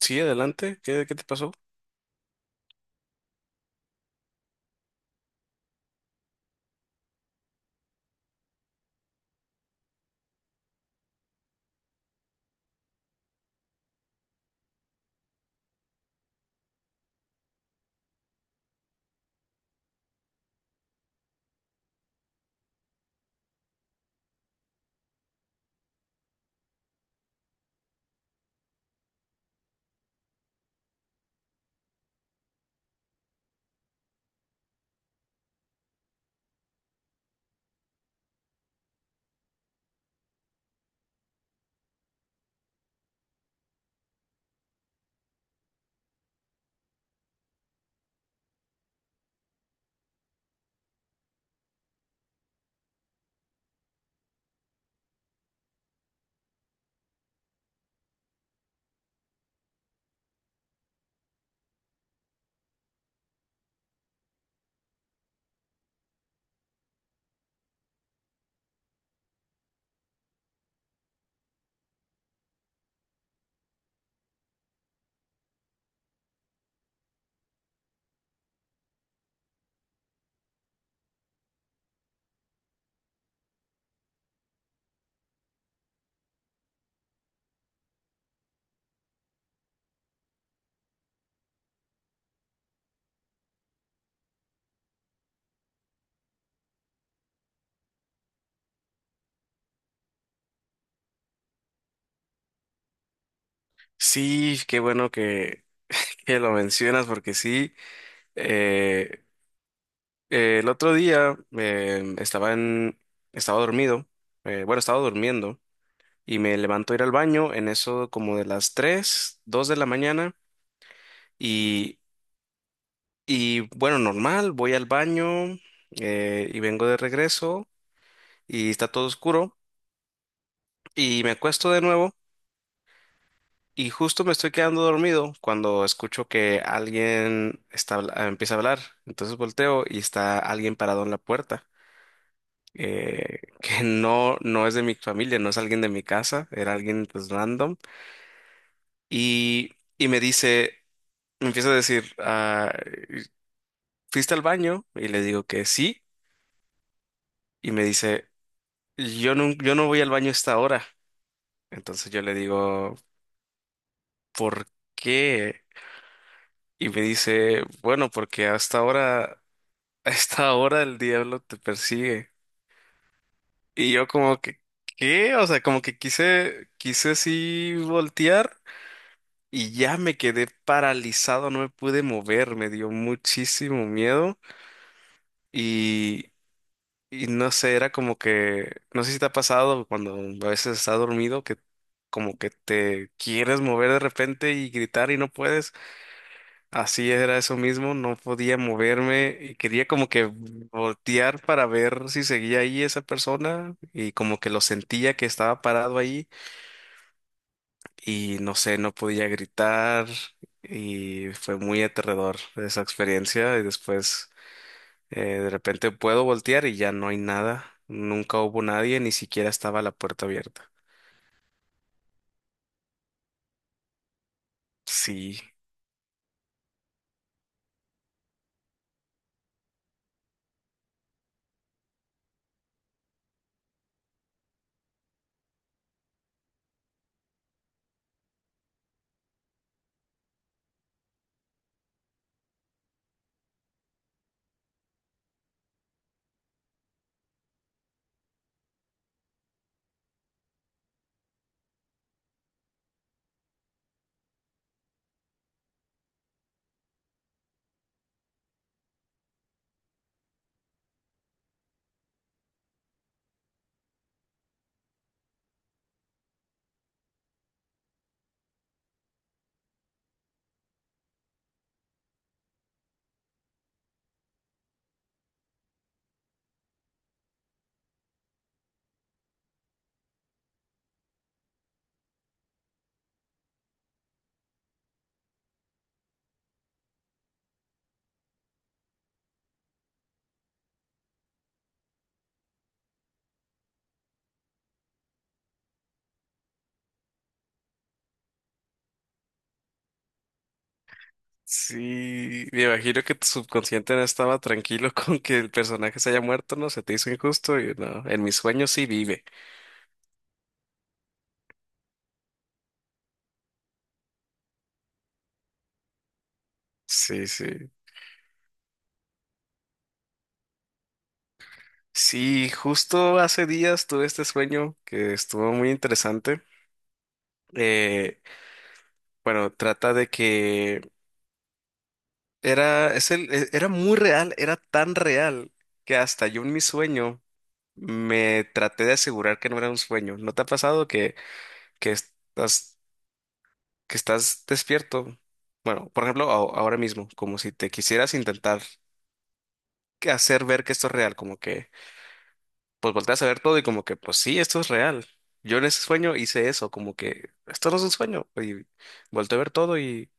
Sí, adelante. ¿Qué te pasó? Sí, qué bueno que lo mencionas porque sí, eh, el otro día estaba dormido, bueno, estaba durmiendo y me levanto a ir al baño en eso como de las 3, 2 de la mañana y, y bueno, normal, voy al baño, y vengo de regreso y está todo oscuro y me acuesto de nuevo. Y justo me estoy quedando dormido cuando escucho que alguien está, habla- ah, empieza a hablar. Entonces volteo y está alguien parado en la puerta. Que no, no es de mi familia, no es alguien de mi casa, era alguien pues random. Y, y me dice, me empieza a decir, ah, ¿fuiste al baño? Y le digo que sí. Y me dice, yo no, yo no voy al baño a esta hora. Entonces yo le digo, ¿por qué? Y me dice, bueno, porque hasta ahora. A esta hora el diablo te persigue. Y yo como que, ¿qué? O sea, como que quise así voltear y ya me quedé paralizado, no me pude mover, me dio muchísimo miedo y, y no sé, era como que, no sé si te ha pasado cuando a veces estás dormido que como que te quieres mover de repente y gritar y no puedes. Así era eso mismo, no podía moverme y quería como que voltear para ver si seguía ahí esa persona y como que lo sentía que estaba parado ahí y no sé, no podía gritar y fue muy aterrador esa experiencia. Y después, de repente puedo voltear y ya no hay nada, nunca hubo nadie, ni siquiera estaba la puerta abierta. Sí. Sí, me imagino que tu subconsciente no estaba tranquilo con que el personaje se haya muerto, ¿no? Se te hizo injusto y no, en mis sueños sí vive. Sí, sí. Sí, justo hace días tuve este sueño que estuvo muy interesante. Eh, bueno, trata de que era, es el, e- era muy real, era tan real que hasta yo en mi sueño me traté de asegurar que no era un sueño. ¿No te ha pasado que estás que estás despierto? Bueno, por ejemplo, ahora mismo, como si te quisieras intentar que hacer ver que esto es real, como que pues volteas a ver todo y como que pues sí, esto es real. Yo en ese sueño hice eso, como que esto no es un sueño. Y volteé a ver todo y,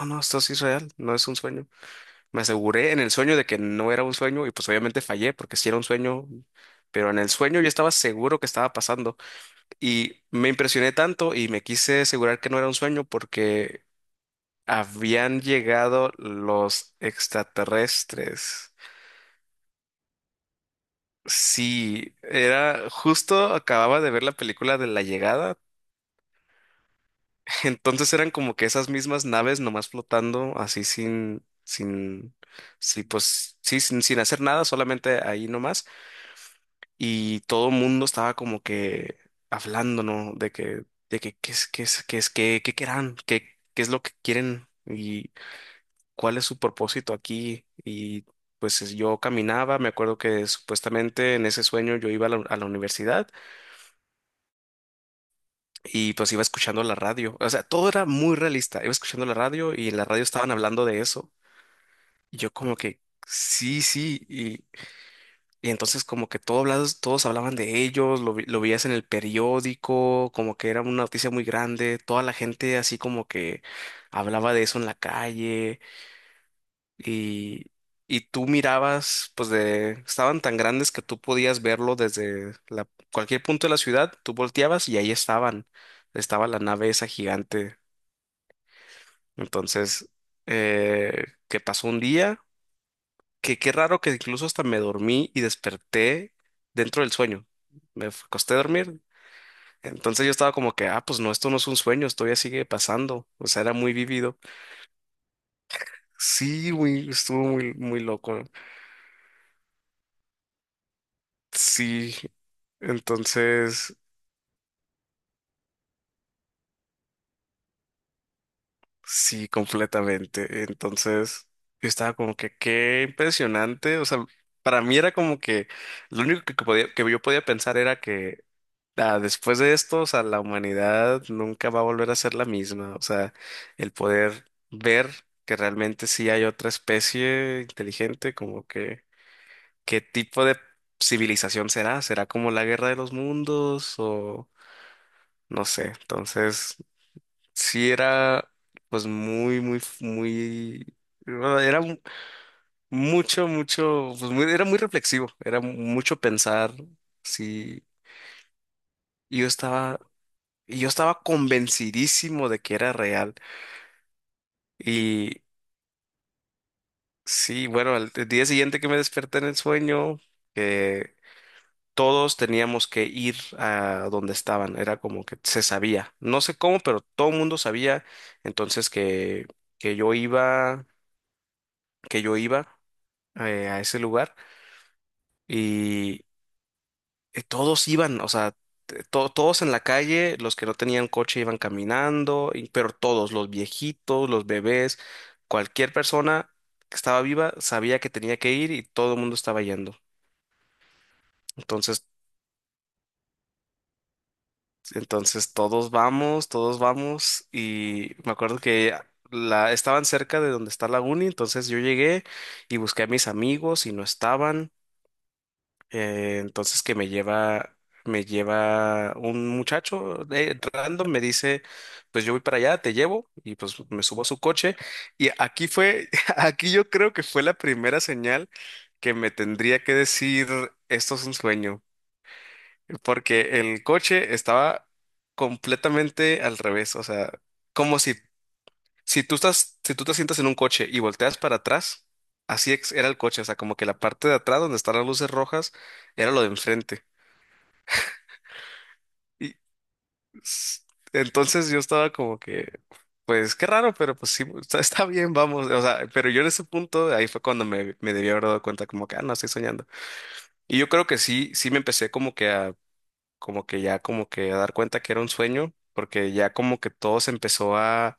oh no, esto sí es real, no es un sueño. Me aseguré en el sueño de que no era un sueño y pues obviamente fallé porque sí era un sueño, pero en el sueño yo estaba seguro que estaba pasando. Y me impresioné tanto y me quise asegurar que no era un sueño porque habían llegado los extraterrestres. Sí, era justo acababa de ver la película de La Llegada, entonces eran como que esas mismas naves nomás flotando así sin, sin, sí, pues sí, sin, sin hacer nada, solamente ahí nomás y todo el mundo estaba como que hablando, ¿no? Qué es, qué es, qué es, qué, qué querrán, qué, qué es lo que quieren y cuál es su propósito aquí. Y pues yo caminaba, me acuerdo que supuestamente en ese sueño yo iba a la universidad y pues iba escuchando la radio. O sea, todo era muy realista. Iba escuchando la radio y en la radio estaban hablando de eso. Y yo como que, sí, sí. Y entonces como que todos hablados, todos hablaban de ellos, lo veías en el periódico, como que era una noticia muy grande. Toda la gente así como que hablaba de eso en la calle. Y, y tú mirabas, pues de, estaban tan grandes que tú podías verlo desde la, cualquier punto de la ciudad, tú volteabas y ahí estaban, estaba la nave esa gigante. Entonces, que pasó un día, que qué raro que incluso hasta me dormí y desperté dentro del sueño. Costé dormir. Entonces yo estaba como que, ah, pues no, esto no es un sueño, esto ya sigue pasando. O sea, era muy vivido. Sí, muy, estuvo muy, muy loco. Sí, entonces, sí, completamente. Entonces, yo estaba como que qué impresionante. O sea, para mí era como que lo único que podía, que yo podía pensar era que ah, después de esto, o sea, la humanidad nunca va a volver a ser la misma. O sea, el poder ver que realmente sí hay otra especie inteligente, como que qué tipo de civilización será. ¿Será como la guerra de los mundos o no sé? Entonces, sí era pues muy, muy, muy, bueno, mucho, mucho, pues era muy reflexivo, era mucho pensar, sí, y yo estaba, y yo estaba convencidísimo de que era real. Y sí, bueno, al día siguiente que me desperté en el sueño, que todos teníamos que ir a donde estaban, era como que se sabía, no sé cómo, pero todo el mundo sabía, entonces que, que yo iba, que yo iba, a ese lugar y todos iban, o sea, todos en la calle, los que no tenían coche iban caminando, pero todos, los viejitos, los bebés, cualquier persona que estaba viva sabía que tenía que ir y todo el mundo estaba yendo. Entonces, entonces todos vamos y me acuerdo que la estaban cerca de donde está la uni, entonces yo llegué y busqué a mis amigos y no estaban. Entonces me lleva un muchacho, random, me dice, pues yo voy para allá, te llevo, y pues me subo a su coche. Y aquí fue, aquí yo creo que fue la primera señal que me tendría que decir, esto es un sueño, porque el coche estaba completamente al revés, o sea, como si, si tú te sientas en un coche y volteas para atrás, así era el coche, o sea, como que la parte de atrás donde están las luces rojas era lo de enfrente. Y s- entonces yo estaba como que, pues qué raro, pero pues sí, está bien, vamos. O sea, pero yo en ese punto, ahí fue cuando me debí haber dado cuenta como que, ah, no, estoy soñando. Y yo creo que sí, sí me empecé como que a, como que ya como que a dar cuenta que era un sueño, porque ya como que todo se empezó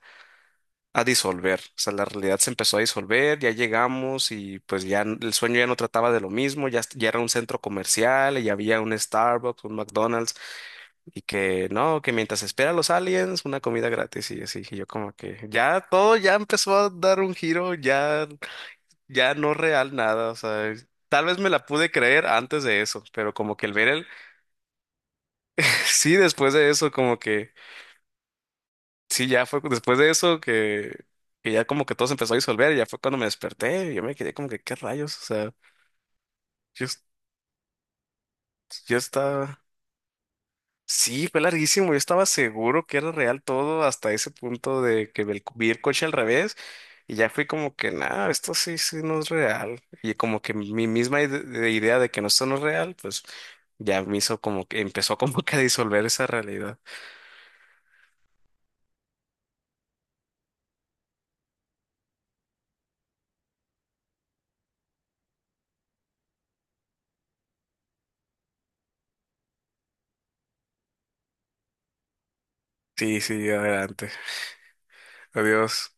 a disolver. O sea, la realidad se empezó a disolver, ya llegamos y pues ya el sueño ya no trataba de lo mismo, ya, ya era un centro comercial, y ya había un Starbucks, un McDonald's. Y que no, que mientras espera a los aliens, una comida gratis y así. Y yo como que ya todo ya empezó a dar un giro, ya, ya no real nada. O sea, tal vez me la pude creer antes de eso, pero como que el ver el, sí, después de eso, como que, sí, ya fue después de eso que ya como que todo se empezó a disolver y ya fue cuando me desperté. Y yo me quedé como que, ¿qué rayos? O sea, yo, yo estaba, sí, fue larguísimo. Yo estaba seguro que era real todo hasta ese punto de que vi el coche al revés y ya fui como que, nada, esto sí, sí no es real. Y como que mi misma ide- de idea de que no, esto no es real, pues ya me hizo como que empezó como que a disolver esa realidad. Sí, sí, adelante. Adiós.